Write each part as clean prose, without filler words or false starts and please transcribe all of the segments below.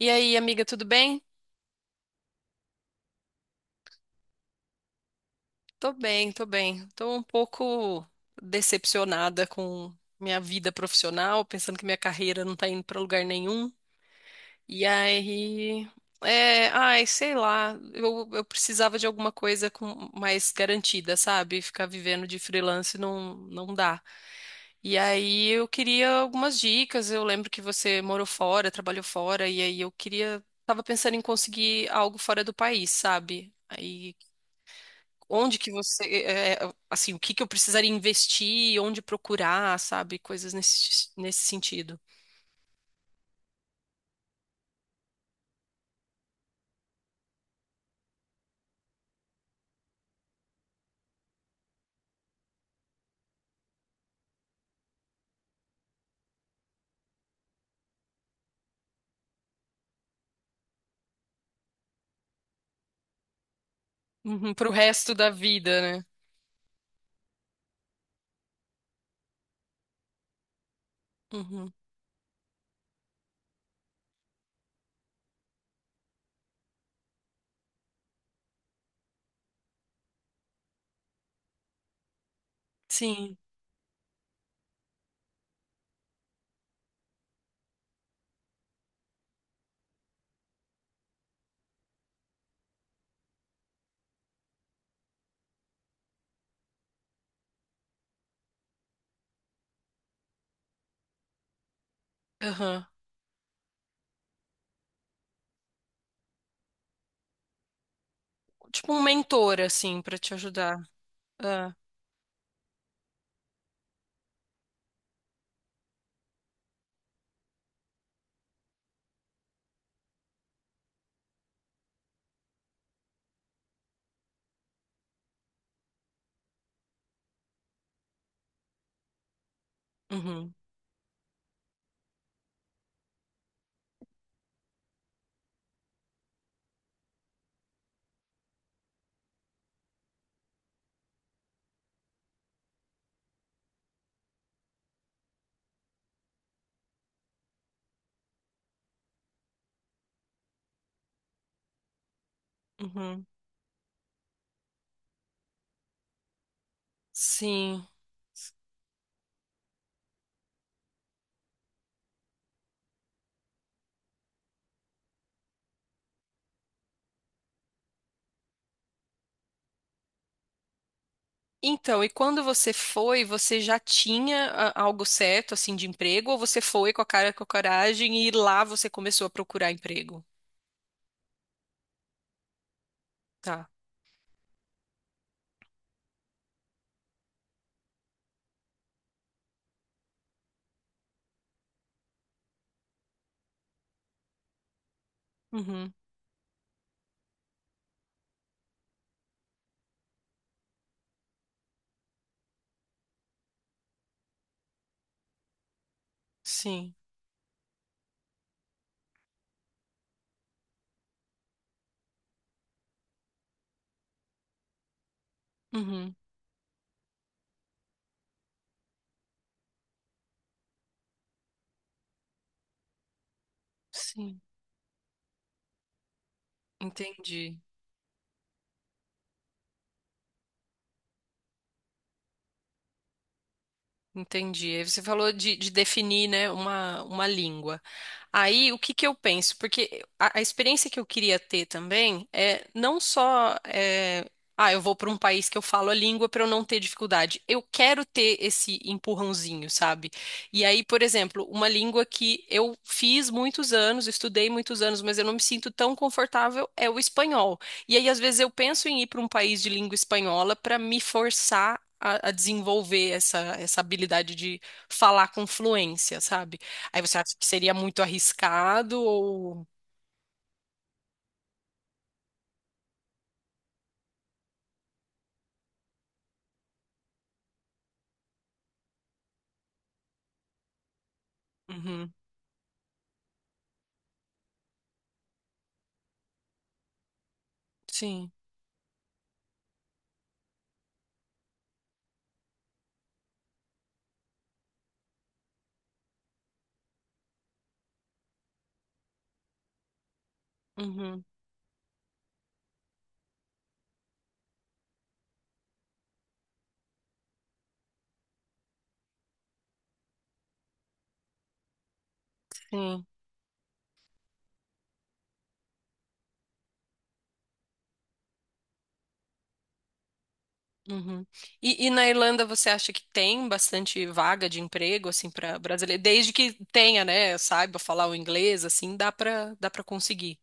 E aí, amiga, tudo bem? Tô bem, tô bem. Tô um pouco decepcionada com minha vida profissional, pensando que minha carreira não tá indo pra lugar nenhum. E aí, ai, sei lá, eu precisava de alguma coisa com mais garantida, sabe? Ficar vivendo de freelance não, não dá. E aí eu queria algumas dicas. Eu lembro que você morou fora, trabalhou fora, e aí eu queria, tava pensando em conseguir algo fora do país, sabe? Aí onde que você, assim, o que que eu precisaria investir, onde procurar, sabe? Coisas nesse sentido. Uhum, pro resto da vida, né? Uhum, sim. Aham. Tipo um mentor, assim, pra te ajudar. Ah, uhum, uhum. Sim. Então, e quando você foi, você já tinha algo certo, assim, de emprego, ou você foi com a cara e com a coragem e lá você começou a procurar emprego? Tá. Uhum. Sim. Uhum. Sim. Entendi. Entendi. Aí você falou de definir, né, uma língua. Aí, o que que eu penso? Porque a experiência que eu queria ter também é não só, eu vou para um país que eu falo a língua para eu não ter dificuldade. Eu quero ter esse empurrãozinho, sabe? E aí, por exemplo, uma língua que eu fiz muitos anos, estudei muitos anos, mas eu não me sinto tão confortável é o espanhol. E aí, às vezes, eu penso em ir para um país de língua espanhola para me forçar a desenvolver essa habilidade de falar com fluência, sabe? Aí você acha que seria muito arriscado ou. Uhum, sim. Uhum, sim. Uhum. E na Irlanda você acha que tem bastante vaga de emprego assim para brasileiro? Desde que tenha, né, saiba falar o inglês, assim, dá para conseguir.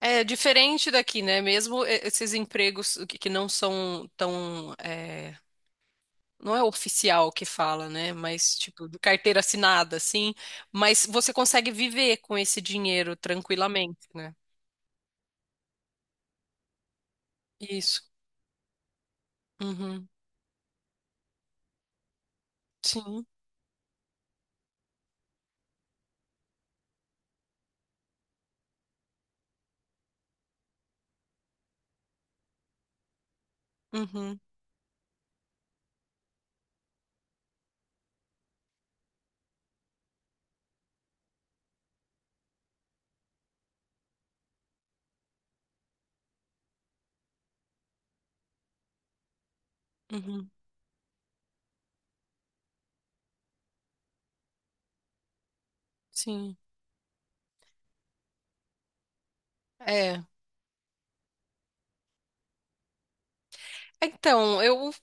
É diferente daqui, né? Mesmo esses empregos que não são tão, não é oficial que fala, né? Mas tipo de carteira assinada, assim. Mas você consegue viver com esse dinheiro tranquilamente, né? Isso. Uhum. Sim. Uhum. Uhum. Sim. É. Então,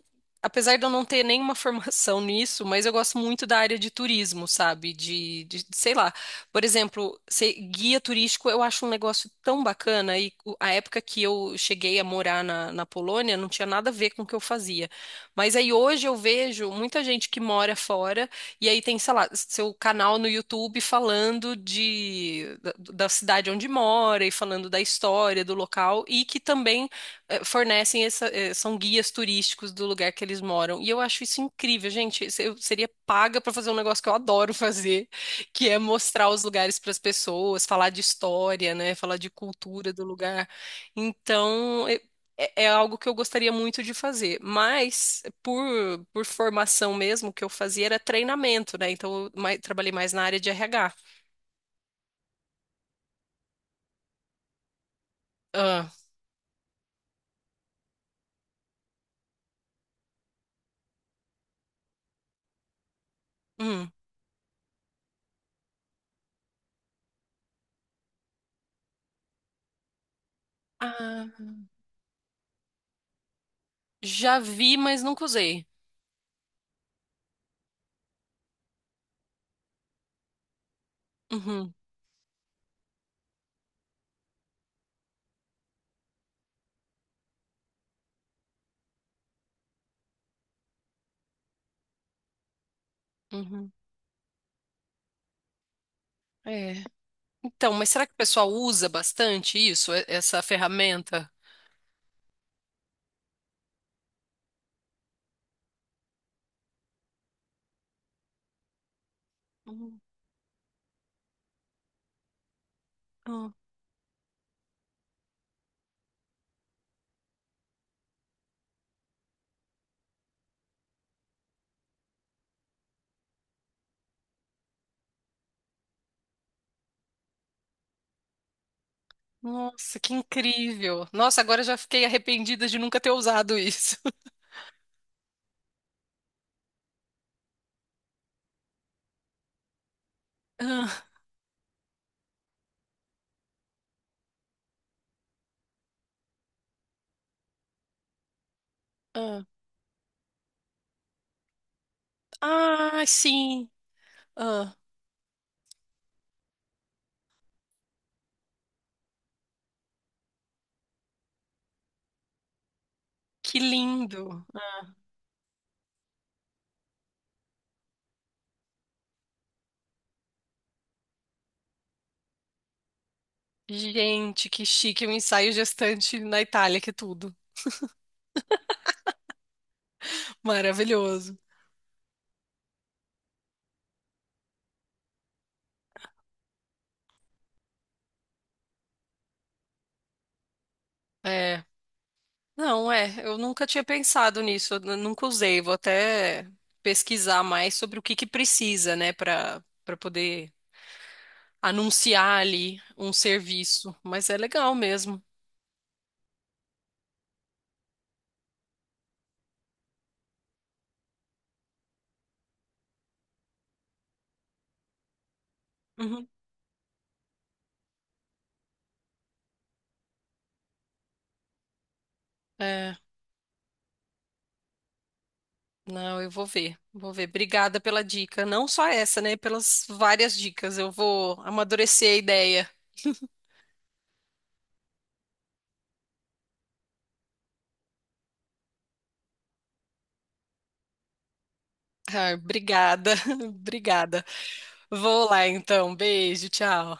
apesar de eu não ter nenhuma formação nisso, mas eu gosto muito da área de turismo, sabe? Sei lá. Por exemplo, ser guia turístico eu acho um negócio tão bacana. A época que eu cheguei a morar na Polônia não tinha nada a ver com o que eu fazia. Mas aí hoje eu vejo muita gente que mora fora e aí tem, sei lá, seu canal no YouTube falando da cidade onde mora e falando da história do local e que também fornecem são guias turísticos do lugar que eles moram. E eu acho isso incrível, gente. Eu seria paga para fazer um negócio que eu adoro fazer, que é mostrar os lugares para as pessoas, falar de história, né? Falar de cultura do lugar. Então, É algo que eu gostaria muito de fazer. Mas, por formação mesmo, o que eu fazia era treinamento, né? Então, trabalhei mais na área de RH. Ah, hum. Ah, já vi, mas nunca usei. Uhum, uhum. É. Então, mas será que o pessoal usa bastante isso, essa ferramenta? Hum, hum. Nossa, que incrível! Nossa, agora eu já fiquei arrependida de nunca ter usado isso. Ah, ah. Ah, sim. Ah, que lindo. Gente, que chique, um ensaio gestante na Itália, que tudo. Maravilhoso. É. Não, eu nunca tinha pensado nisso, eu nunca usei. Vou até pesquisar mais sobre o que que precisa, né, para poder anunciar ali um serviço, mas é legal mesmo. Uhum. É, não, eu vou ver, vou ver. Obrigada pela dica, não só essa, né? Pelas várias dicas. Eu vou amadurecer a ideia. Ah, obrigada, obrigada. Vou lá então, beijo, tchau.